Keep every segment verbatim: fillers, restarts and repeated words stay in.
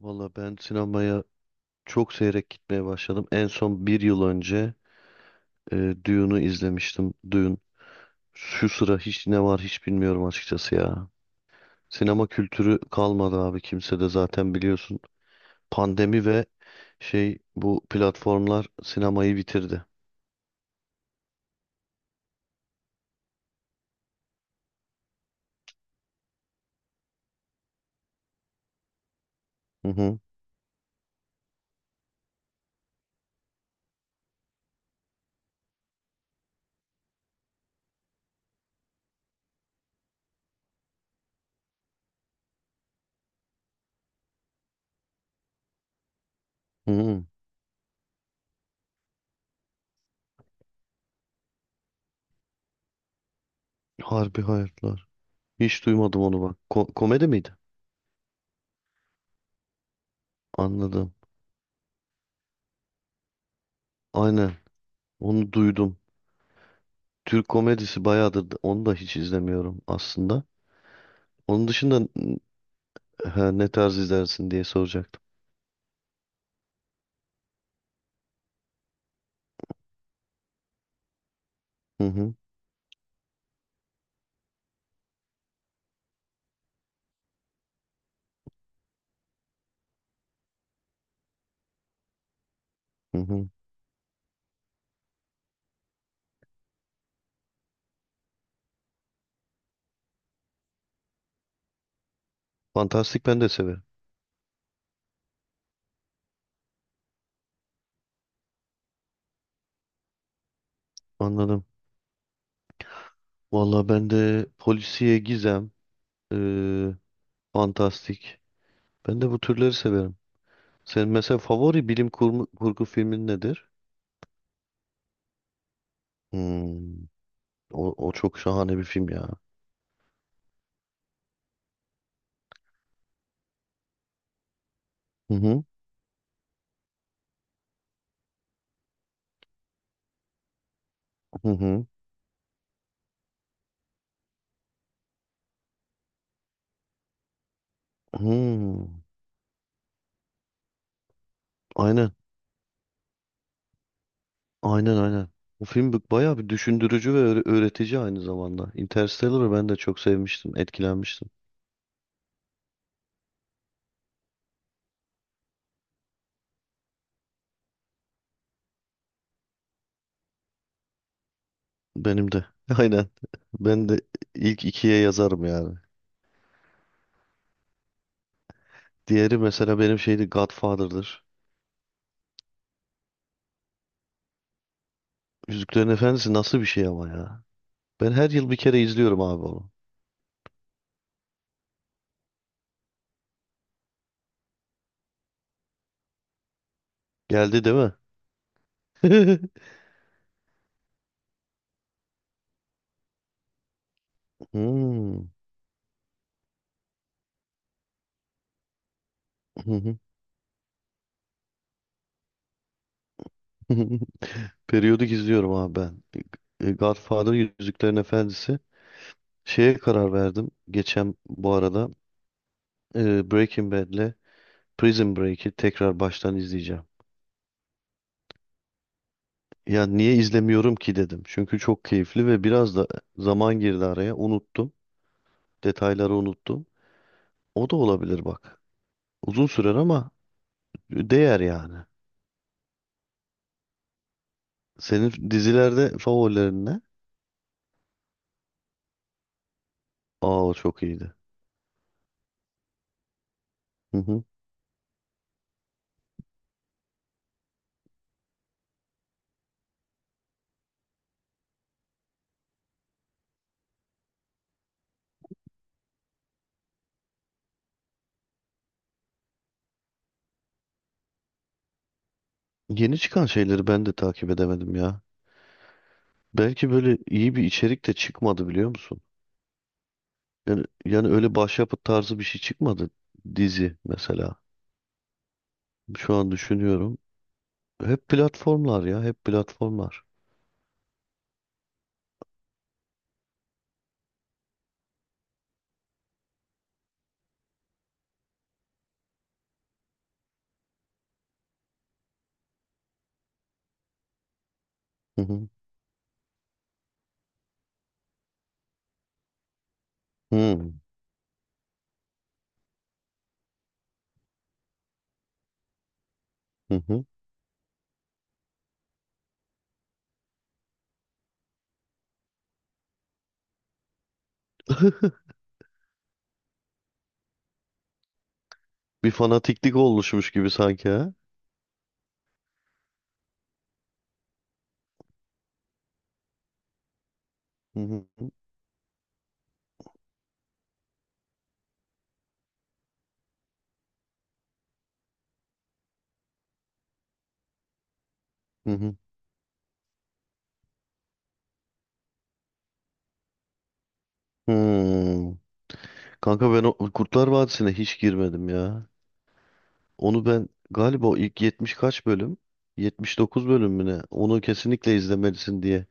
Valla ben sinemaya çok seyrek gitmeye başladım. En son bir yıl önce e, Dune'u izlemiştim. Dune. Şu sıra hiç ne var hiç bilmiyorum açıkçası ya. Sinema kültürü kalmadı abi kimsede zaten biliyorsun. Pandemi ve şey bu platformlar sinemayı bitirdi. Hı hı. Hı hı. Harbi hayatlar. Hiç duymadım onu bak. Ko- komedi miydi? Anladım. Aynen. Onu duydum. Türk komedisi bayağıdır da- onu da hiç izlemiyorum aslında. Onun dışında. Ha, ne tarz izlersin diye soracaktım. Hı hı, hı hı. Fantastik ben de severim. Anladım. Valla ben de polisiye gizem, eee, fantastik. Ben de bu türleri severim. Senin mesela favori bilim kurgu, kurgu filmin nedir? Hmm. O, o çok şahane bir film ya. Hı hı, hı hı. Hmm. Aynen, aynen, aynen. Bu film b- bayağı bir düşündürücü ve öğre- öğretici aynı zamanda. Interstellar'ı ben de çok sevmiştim, etkilenmiştim. Benim de. Aynen. Ben de ilk ikiye yazarım yani. Diğeri mesela benim şeydi Godfather'dır. Yüzüklerin Efendisi nasıl bir şey ama ya. Ben her yıl bir kere izliyorum abi onu. Geldi değil mi? Hmm. Periyodik izliyorum abi ben. E, Godfather, Yüzüklerin Efendisi. Şeye karar verdim. Geçen bu arada e, Breaking Bad'le Prison Break'i tekrar baştan izleyeceğim. Ya niye izlemiyorum ki dedim. Çünkü çok keyifli ve biraz da zaman girdi araya. Unuttum. Detayları unuttum. O da olabilir bak. Uzun sürer ama değer yani. Senin dizilerde favorilerin ne? Aa o çok iyiydi. Hı hı. Yeni çıkan şeyleri ben de takip edemedim ya. Belki böyle iyi bir içerik de çıkmadı biliyor musun? Yani, yani öyle başyapıt tarzı bir şey çıkmadı dizi mesela. Şu an düşünüyorum. Hep platformlar ya, hep platformlar. Hı hı. Hı hı. Hı. Bir fanatiklik oluşmuş gibi sanki ha. Hı hı, hı hı. Hmm. Kanka ben o Kurtlar Vadisi'ne hiç girmedim ya. Onu ben galiba o ilk yetmiş kaç bölüm? yetmiş dokuz bölüm mü ne? Onu kesinlikle izlemelisin diye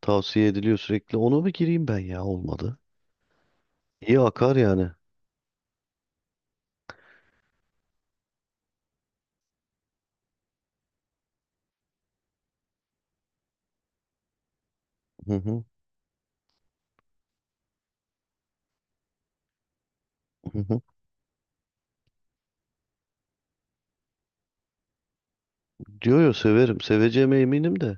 tavsiye ediliyor sürekli. Ona bir gireyim ben ya olmadı. İyi akar yani. Hı hı, hı hı. Diyor ya severim. Seveceğime eminim de.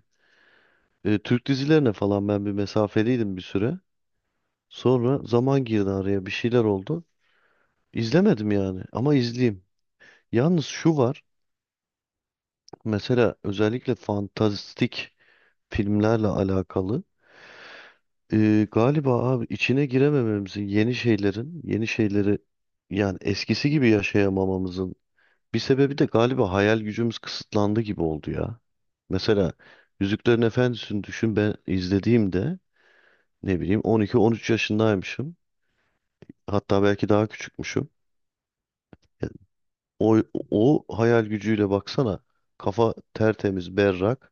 E, Türk dizilerine falan ben bir mesafeliydim bir süre. Sonra zaman girdi araya bir şeyler oldu. İzlemedim yani ama izleyeyim. Yalnız şu var. Mesela özellikle fantastik filmlerle alakalı. E, galiba abi içine giremememizin yeni şeylerin, yeni şeyleri yani eskisi gibi yaşayamamamızın bir sebebi de galiba hayal gücümüz kısıtlandı gibi oldu ya. Mesela Yüzüklerin Efendisi'ni düşün ben izlediğimde ne bileyim on iki on üç yaşındaymışım. Hatta belki daha küçükmüşüm. Yani o, o hayal gücüyle baksana kafa tertemiz berrak.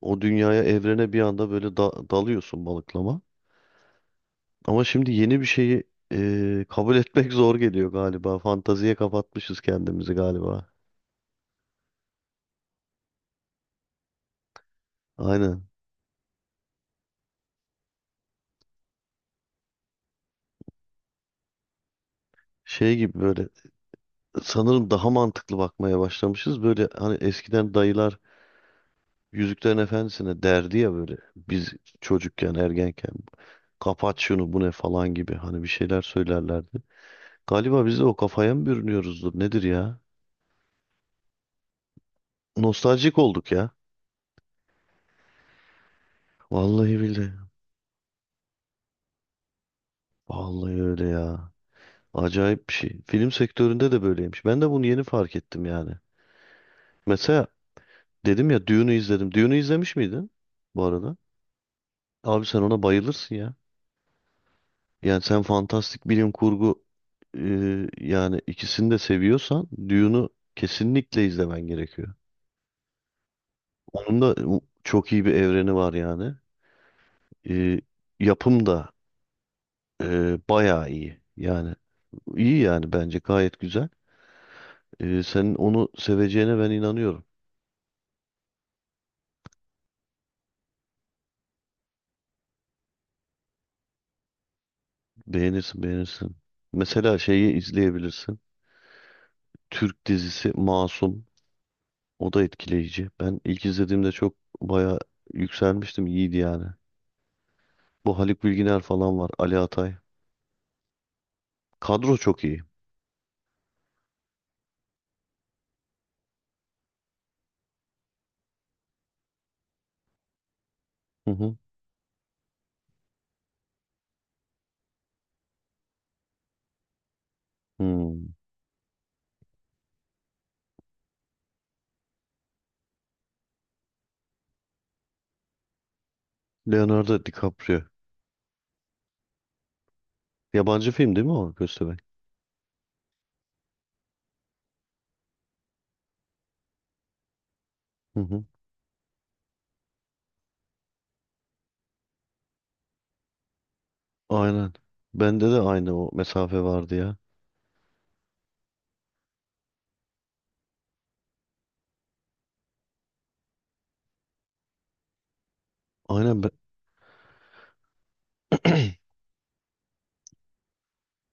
O dünyaya, evrene bir anda böyle da- dalıyorsun balıklama. Ama şimdi yeni bir şeyi e, kabul etmek zor geliyor galiba. Fantaziye kapatmışız kendimizi galiba. Aynen. Şey gibi böyle sanırım daha mantıklı bakmaya başlamışız. Böyle hani eskiden dayılar Yüzüklerin Efendisi'ne derdi ya böyle biz çocukken, ergenken kapat şunu bu ne falan gibi hani bir şeyler söylerlerdi. Galiba biz de o kafaya mı bürünüyoruzdur nedir ya? Nostaljik olduk ya. Vallahi billahi. Vallahi öyle ya. Acayip bir şey. Film sektöründe de böyleymiş. Ben de bunu yeni fark ettim yani. Mesela dedim ya Dune'u izledim. Dune'u izlemiş miydin bu arada? Abi sen ona bayılırsın ya. Yani sen fantastik bilim kurgu, e, yani ikisini de seviyorsan Dune'u kesinlikle izlemen gerekiyor. Onun da e, çok iyi bir evreni var yani. E, yapım da e, bayağı iyi. Yani iyi yani bence gayet güzel. E, senin onu seveceğine ben inanıyorum. Beğenirsin, beğenirsin. Mesela şeyi izleyebilirsin. Türk dizisi Masum. O da etkileyici. Ben ilk izlediğimde çok baya yükselmiştim. İyiydi yani. Bu Haluk Bilginer falan var. Ali Atay. Kadro çok iyi. Hı hı. Hmm. Leonardo DiCaprio. Yabancı film değil mi o Köstebek? Hı hı. Aynen. Bende de aynı o mesafe vardı ya. Aynen ben...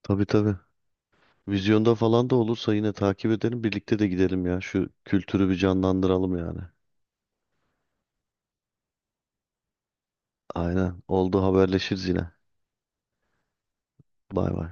Tabii tabii. Vizyonda falan da olursa yine takip edelim. Birlikte de gidelim ya. Şu kültürü bir canlandıralım yani. Aynen. Oldu haberleşiriz yine. Bay bay.